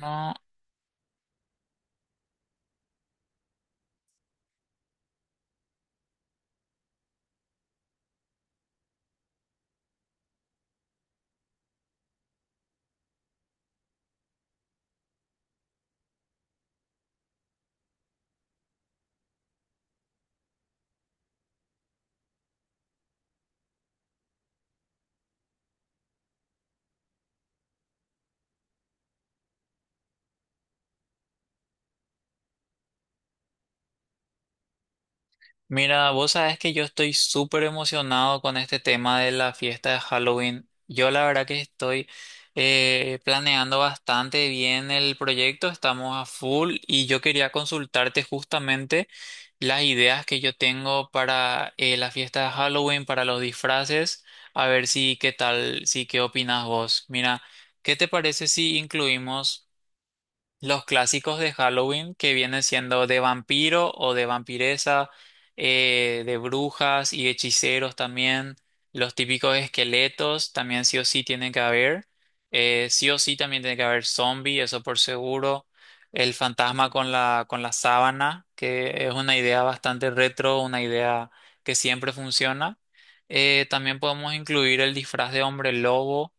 No, mira, vos sabés que yo estoy súper emocionado con este tema de la fiesta de Halloween. Yo la verdad que estoy planeando bastante bien el proyecto, estamos a full y yo quería consultarte justamente las ideas que yo tengo para la fiesta de Halloween, para los disfraces, a ver si qué tal, si qué opinas vos. Mira, ¿qué te parece si incluimos? Los clásicos de Halloween que vienen siendo de vampiro o de vampiresa, de brujas y hechiceros también, los típicos esqueletos también sí o sí tienen que haber, sí o sí también tiene que haber zombie, eso por seguro, el fantasma con la sábana, que es una idea bastante retro, una idea que siempre funciona. También podemos incluir el disfraz de hombre lobo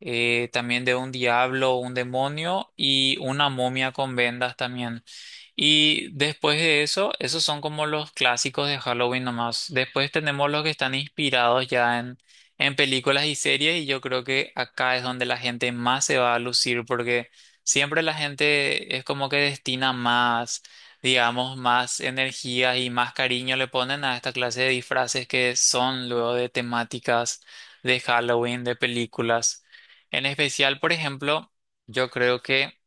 también de un diablo, un demonio y una momia con vendas también. Y después de eso, esos son como los clásicos de Halloween nomás. Después tenemos los que están inspirados ya en películas y series y yo creo que acá es donde la gente más se va a lucir porque siempre la gente es como que destina más, digamos, más energía y más cariño le ponen a esta clase de disfraces que son luego de temáticas de Halloween, de películas. En especial, por ejemplo, yo creo que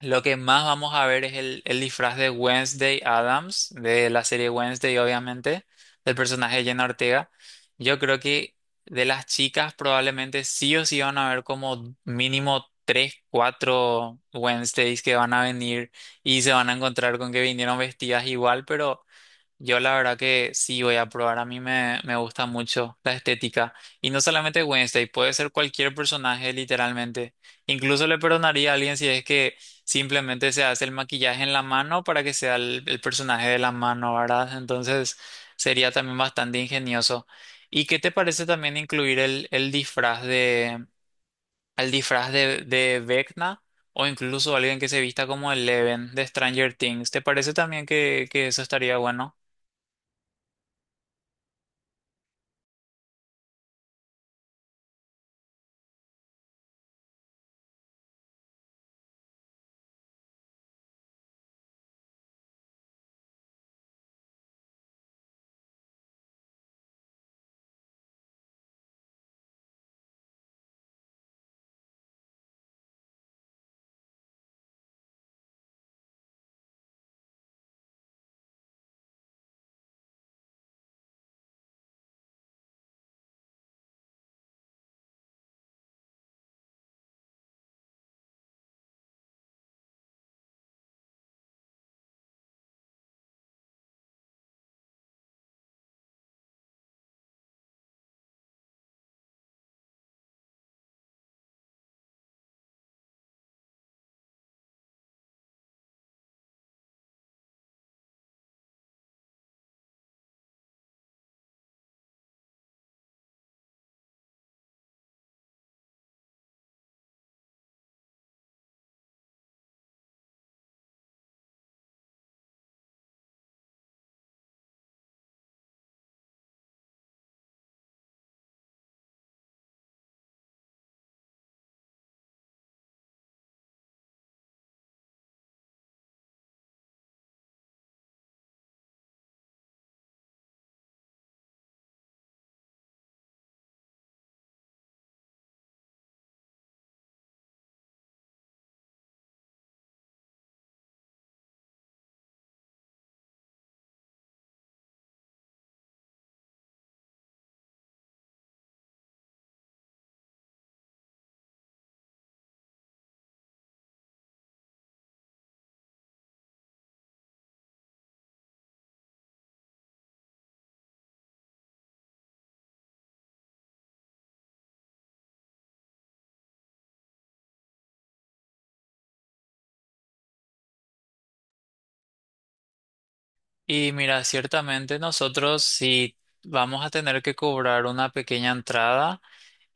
lo que más vamos a ver es el disfraz de Wednesday Adams, de la serie Wednesday, obviamente, del personaje de Jenna Ortega. Yo creo que de las chicas probablemente sí o sí van a ver como mínimo tres, cuatro Wednesdays que van a venir y se van a encontrar con que vinieron vestidas igual, pero yo la verdad que sí voy a probar, a mí me gusta mucho la estética. Y no solamente Wednesday, puede ser cualquier personaje literalmente. Incluso le perdonaría a alguien si es que simplemente se hace el maquillaje en la mano para que sea el personaje de la mano, ¿verdad? Entonces sería también bastante ingenioso. ¿Y qué te parece también incluir el disfraz de Vecna? O incluso alguien que se vista como Eleven de Stranger Things. ¿Te parece también que eso estaría bueno? Y mira, ciertamente nosotros sí vamos a tener que cobrar una pequeña entrada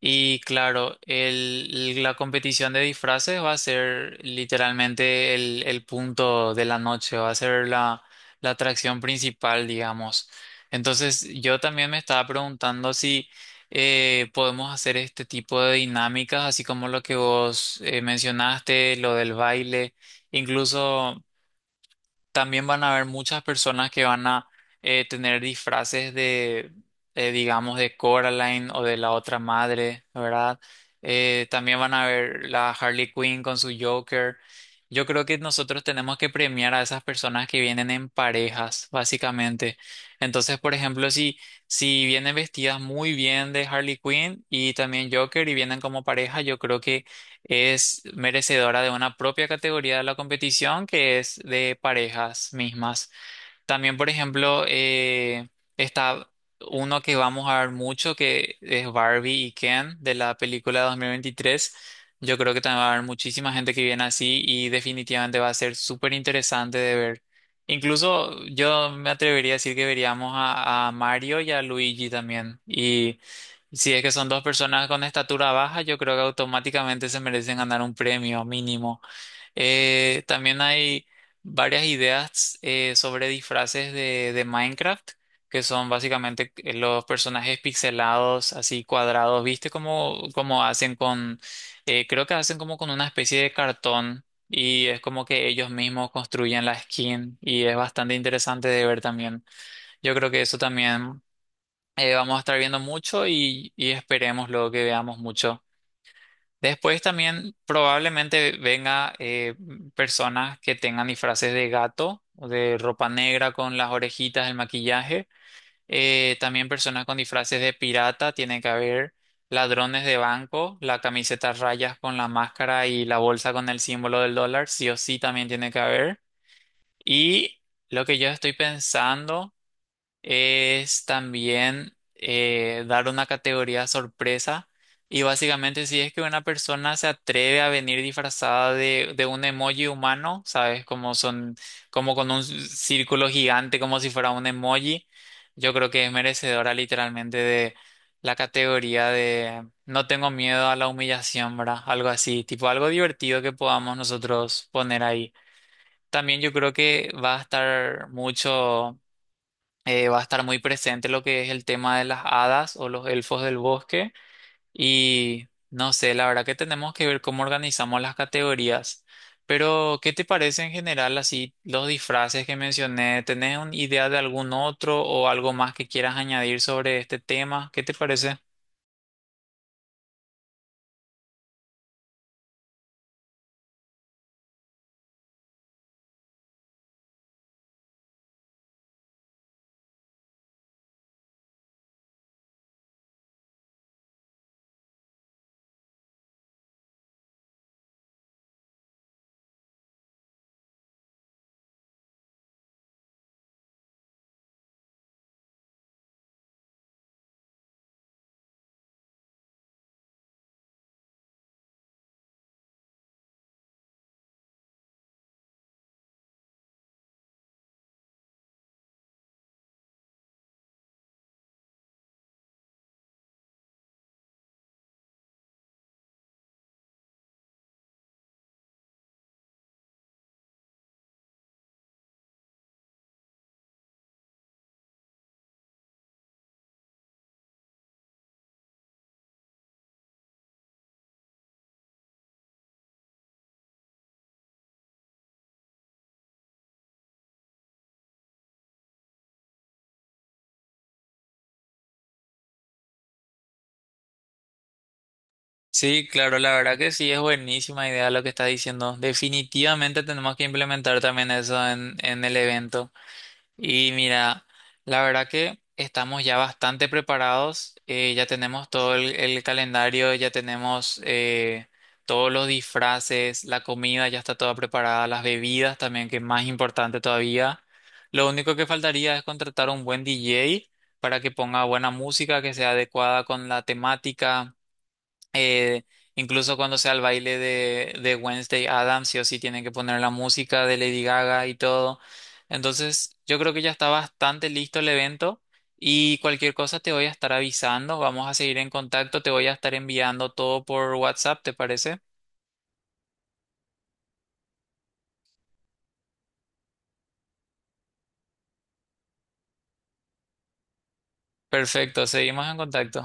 y claro, la competición de disfraces va a ser literalmente el punto de la noche, va a ser la atracción principal, digamos. Entonces yo también me estaba preguntando si podemos hacer este tipo de dinámicas, así como lo que vos mencionaste, lo del baile, incluso. También van a haber muchas personas que van a tener disfraces de, digamos, de Coraline o de la otra madre, ¿verdad? También van a ver la Harley Quinn con su Joker. Yo creo que nosotros tenemos que premiar a esas personas que vienen en parejas, básicamente. Entonces, por ejemplo, si vienen vestidas muy bien de Harley Quinn y también Joker y vienen como pareja, yo creo que es merecedora de una propia categoría de la competición que es de parejas mismas. También, por ejemplo, está uno que vamos a ver mucho, que es Barbie y Ken de la película de 2023. Yo creo que también va a haber muchísima gente que viene así y definitivamente va a ser súper interesante de ver. Incluso yo me atrevería a decir que veríamos a Mario y a Luigi también. Y si es que son dos personas con estatura baja, yo creo que automáticamente se merecen ganar un premio mínimo. También hay varias ideas sobre disfraces de Minecraft, que son básicamente los personajes pixelados, así cuadrados, ¿viste? Como, como hacen con, creo que hacen como con una especie de cartón y es como que ellos mismos construyen la skin y es bastante interesante de ver también. Yo creo que eso también vamos a estar viendo mucho y esperemos luego que veamos mucho. Después también probablemente venga personas que tengan disfraces de gato o de ropa negra con las orejitas, el maquillaje. También personas con disfraces de pirata, tiene que haber ladrones de banco, la camiseta a rayas con la máscara y la bolsa con el símbolo del dólar, sí o sí también tiene que haber. Y lo que yo estoy pensando es también dar una categoría sorpresa y básicamente si es que una persona se atreve a venir disfrazada de un emoji humano, ¿sabes? Como son, como con un círculo gigante, como si fuera un emoji, yo creo que es merecedora literalmente de la categoría de no tengo miedo a la humillación, ¿verdad? Algo así, tipo algo divertido que podamos nosotros poner ahí. También yo creo que va a estar mucho va a estar muy presente lo que es el tema de las hadas o los elfos del bosque y no sé, la verdad que tenemos que ver cómo organizamos las categorías. Pero, ¿qué te parece en general así los disfraces que mencioné? ¿Tenés una idea de algún otro o algo más que quieras añadir sobre este tema? ¿Qué te parece? Sí, claro, la verdad que sí, es buenísima idea lo que estás diciendo. Definitivamente tenemos que implementar también eso en el evento. Y mira, la verdad que estamos ya bastante preparados, ya tenemos todo el calendario, ya tenemos todos los disfraces, la comida ya está toda preparada, las bebidas también, que es más importante todavía. Lo único que faltaría es contratar un buen DJ para que ponga buena música que sea adecuada con la temática. Eh, incluso cuando sea el baile de Wednesday Adams, sí o sí tienen que poner la música de Lady Gaga y todo. Entonces, yo creo que ya está bastante listo el evento y cualquier cosa te voy a estar avisando. Vamos a seguir en contacto, te voy a estar enviando todo por WhatsApp, ¿te parece? Perfecto, seguimos en contacto.